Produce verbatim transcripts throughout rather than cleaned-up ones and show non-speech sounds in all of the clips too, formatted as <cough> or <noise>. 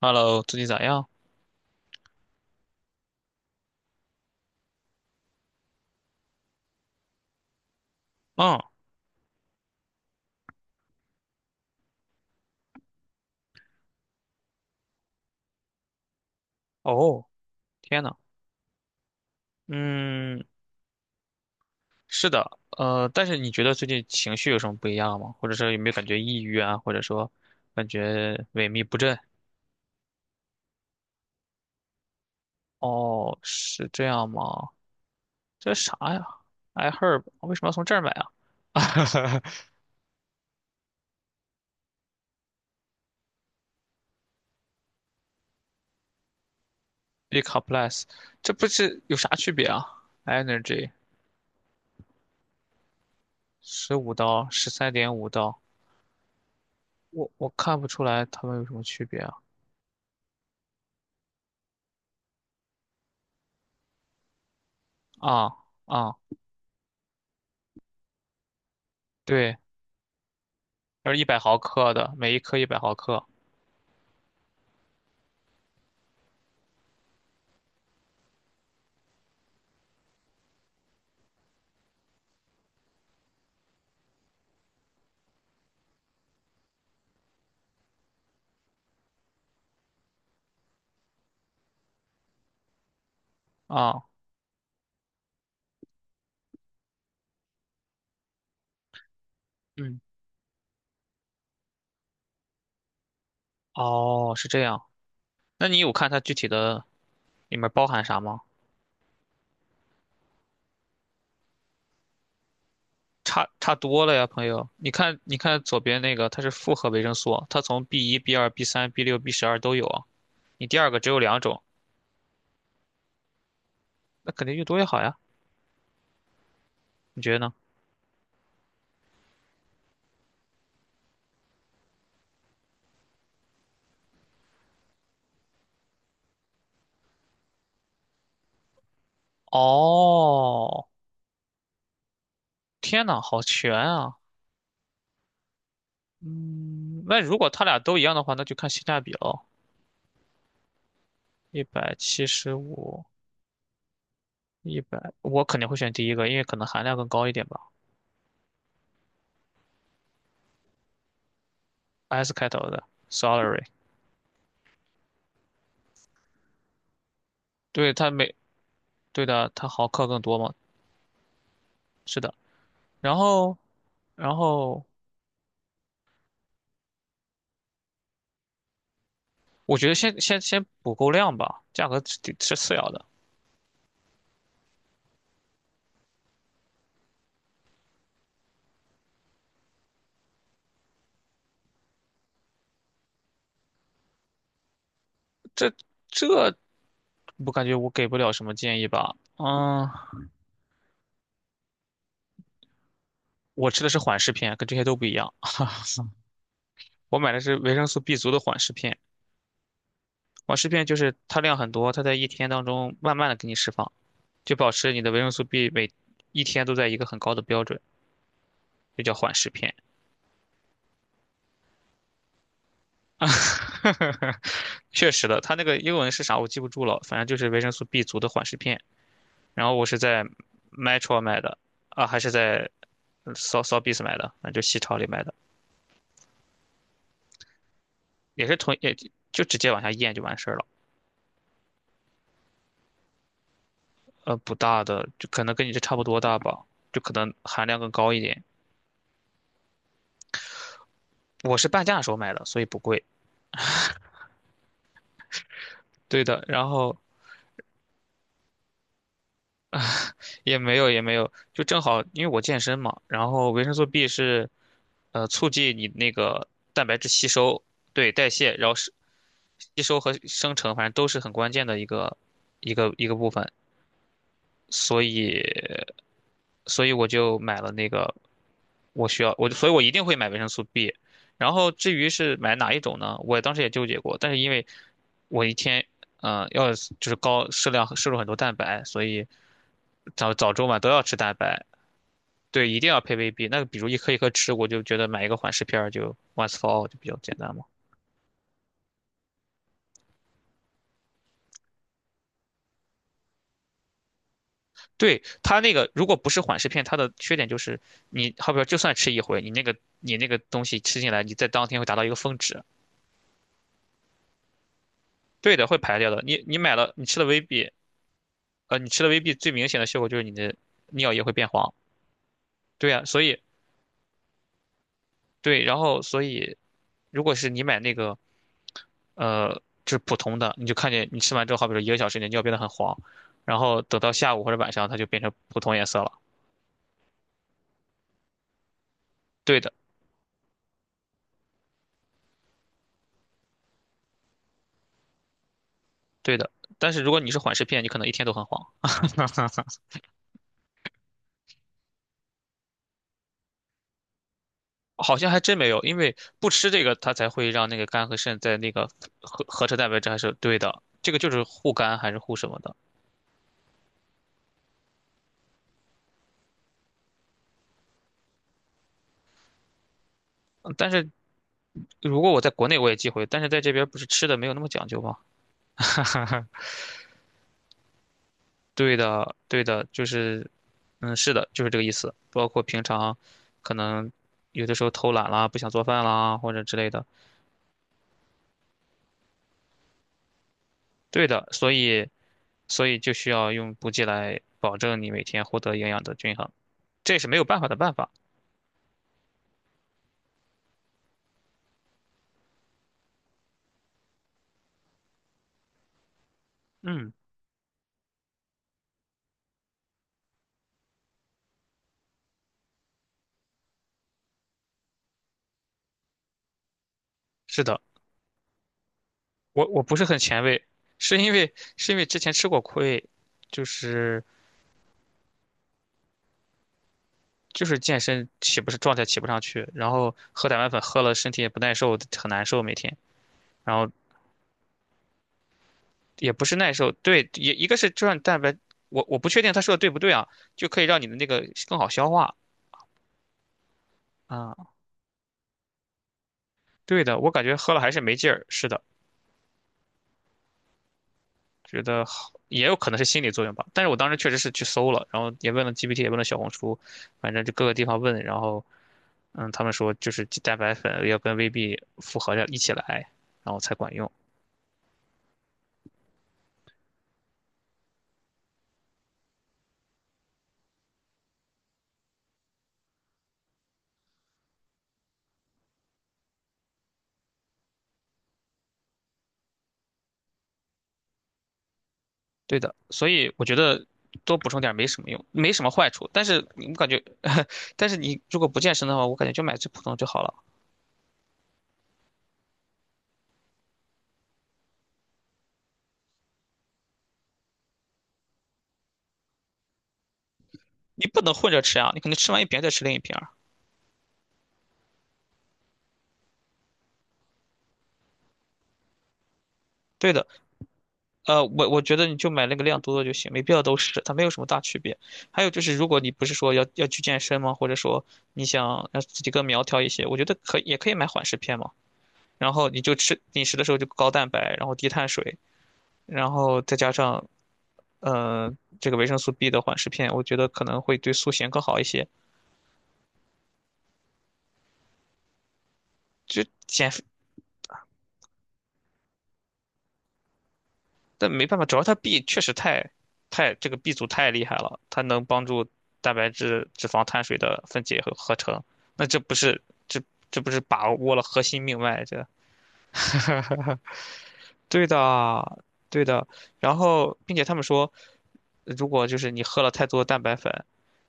Hello,最近咋样？嗯，哦，天呐，嗯，是的，呃，但是你觉得最近情绪有什么不一样吗？或者说有没有感觉抑郁啊？或者说感觉萎靡不振？哦，是这样吗？这啥呀？I herb,为什么要从这儿买啊 <laughs>？B c o m p l e s <laughs> 这不是有啥区别啊？Energy 十五刀，十三点五刀，我我看不出来它们有什么区别啊？啊啊，对。就是一百毫克的，每一颗一百毫克啊。嗯，哦，是这样。那你有看它具体的里面包含啥吗？差差多了呀，朋友。你看，你看左边那个，它是复合维生素，它从 B 一、B 二、B 三、B 六、B 十二都有啊。你第二个只有两种，那肯定越多越好呀。你觉得呢？哦，天呐，好全啊！嗯，那如果它俩都一样的话，那就看性价比喽。一百七十五，一百，我肯定会选第一个，因为可能含量更高一点吧。S 开头的 Salary,对它每对的，它毫克更多嘛？是的，然后然后我觉得先先先补够量吧，价格是是次要的。这这我感觉我给不了什么建议吧。嗯，我吃的是缓释片，跟这些都不一样。<laughs> 我买的是维生素 B 族的缓释片，缓释片就是它量很多，它在一天当中慢慢的给你释放，就保持你的维生素 B 每一天都在一个很高的标准，就叫缓释片。<laughs> 啊，确实的，它那个英文是啥我记不住了，反正就是维生素 B 族的缓释片。然后我是在 Metro 买的，啊，还是在 s o s o b i s 买的，反正就西超里买的，也是同也就直接往下咽就完事儿了。呃，不大的，就可能跟你这差不多大吧，就可能含量更高一点。我是半价的时候买的，所以不贵。对的，然后也没有也没有，就正好因为我健身嘛，然后维生素 B 是呃促进你那个蛋白质吸收，对代谢，然后是吸收和生成，反正都是很关键的一个一个一个部分，所以所以我就买了那个我需要我所以我一定会买维生素 B,然后至于是买哪一种呢，我当时也纠结过，但是因为我一天嗯、呃要就是高适量摄入很多蛋白，所以早早中晚都要吃蛋白，对，一定要配 V B。那个，比如一颗一颗吃，我就觉得买一个缓释片儿就 once for all 就比较简单嘛。对，它那个如果不是缓释片，它的缺点就是你好比说就算吃一回，你那个你那个东西吃进来，你在当天会达到一个峰值。对的，会排掉的。你你买了，你吃了 V B,呃，你吃了 V B 最明显的效果就是你的尿液会变黄。对呀，所以对，然后所以如果是你买那个呃，就是普通的，你就看见你吃完之后，好比说一个小时，你的尿变得很黄，然后等到下午或者晚上，它就变成普通颜色了。对的，对的。但是如果你是缓释片，你可能一天都很黄。<laughs> 好像还真没有，因为不吃这个，它才会让那个肝和肾在那个合合成蛋白质还是对的。这个就是护肝还是护什么的。但是如果我在国内我也忌讳，但是在这边不是吃的没有那么讲究吗？<laughs> 对的，对的，就是，嗯，是的，就是这个意思。包括平常可能有的时候偷懒啦，不想做饭啦，或者之类的。对的，所以所以就需要用补剂来保证你每天获得营养的均衡，这也是没有办法的办法。嗯，是的，我我不是很前卫，是因为是因为之前吃过亏，就是就是健身起不是状态起不上去，然后喝蛋白粉喝了身体也不耐受，很难受每天。然后也不是耐受，对，也一个是就让蛋白，我我不确定他说的对不对啊，就可以让你的那个更好消化啊。对的，我感觉喝了还是没劲儿，是的，觉得好也有可能是心理作用吧。但是我当时确实是去搜了，然后也问了 G P T,也问了小红书，反正就各个地方问，然后嗯，他们说就是蛋白粉要跟 V B 复合着一起来，然后才管用。对的，所以我觉得多补充点儿没什么用，没什么坏处。但是我感觉，<laughs> 但是你如果不健身的话，我感觉就买最普通的就好了。你不能混着吃啊，你可能吃完一瓶再吃另一瓶儿对的，呃，我我觉得你就买那个量多的就行，没必要都吃，它没有什么大区别。还有就是，如果你不是说要要去健身吗？或者说你想让自己更苗条一些，我觉得可以也可以买缓释片嘛。然后你就吃饮食的时候就高蛋白，然后低碳水，然后再加上呃这个维生素 B 的缓释片，我觉得可能会对塑形更好一些。就减但没办法，主要它 B 确实太太这个 B 族太厉害了，它能帮助蛋白质、脂肪、碳水的分解和合成。那这不是这这不是把握了核心命脉？这 <laughs> 对的，对的。然后，并且他们说，如果就是你喝了太多蛋白粉，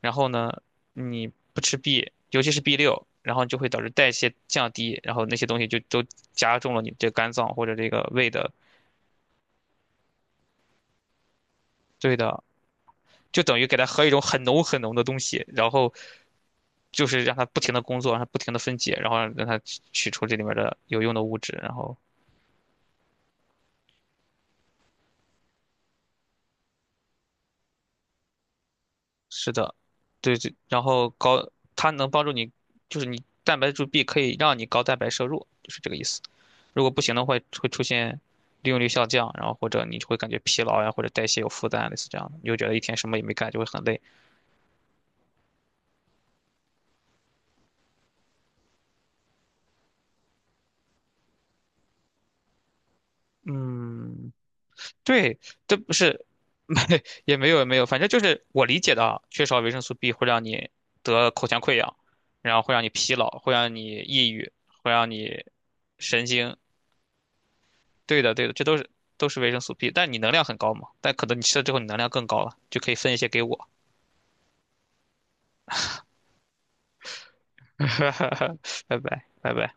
然后呢，你不吃 B,尤其是 B 六，然后就会导致代谢降低，然后那些东西就都加重了你这肝脏或者这个胃的。对的，就等于给它喝一种很浓很浓的东西，然后就是让它不停的工作，让它不停的分解，然后让它取取出这里面的有用的物质。然后是的，对对，然后高它能帮助你，就是你蛋白质 B 可以让你高蛋白摄入，就是这个意思。如果不行的话，会出现利用率下降，然后或者你就会感觉疲劳呀，或者代谢有负担，类似这样的，你就觉得一天什么也没干，就会很累。嗯，对，这不是，<laughs> 没也没有也没有，反正就是我理解的啊，缺少维生素 B 会让你得口腔溃疡，然后会让你疲劳，会让你抑郁，会让你神经。对的，对的，这都是都是维生素 B,但你能量很高嘛，但可能你吃了之后你能量更高了，就可以分一些给我。<laughs> 拜拜，拜拜。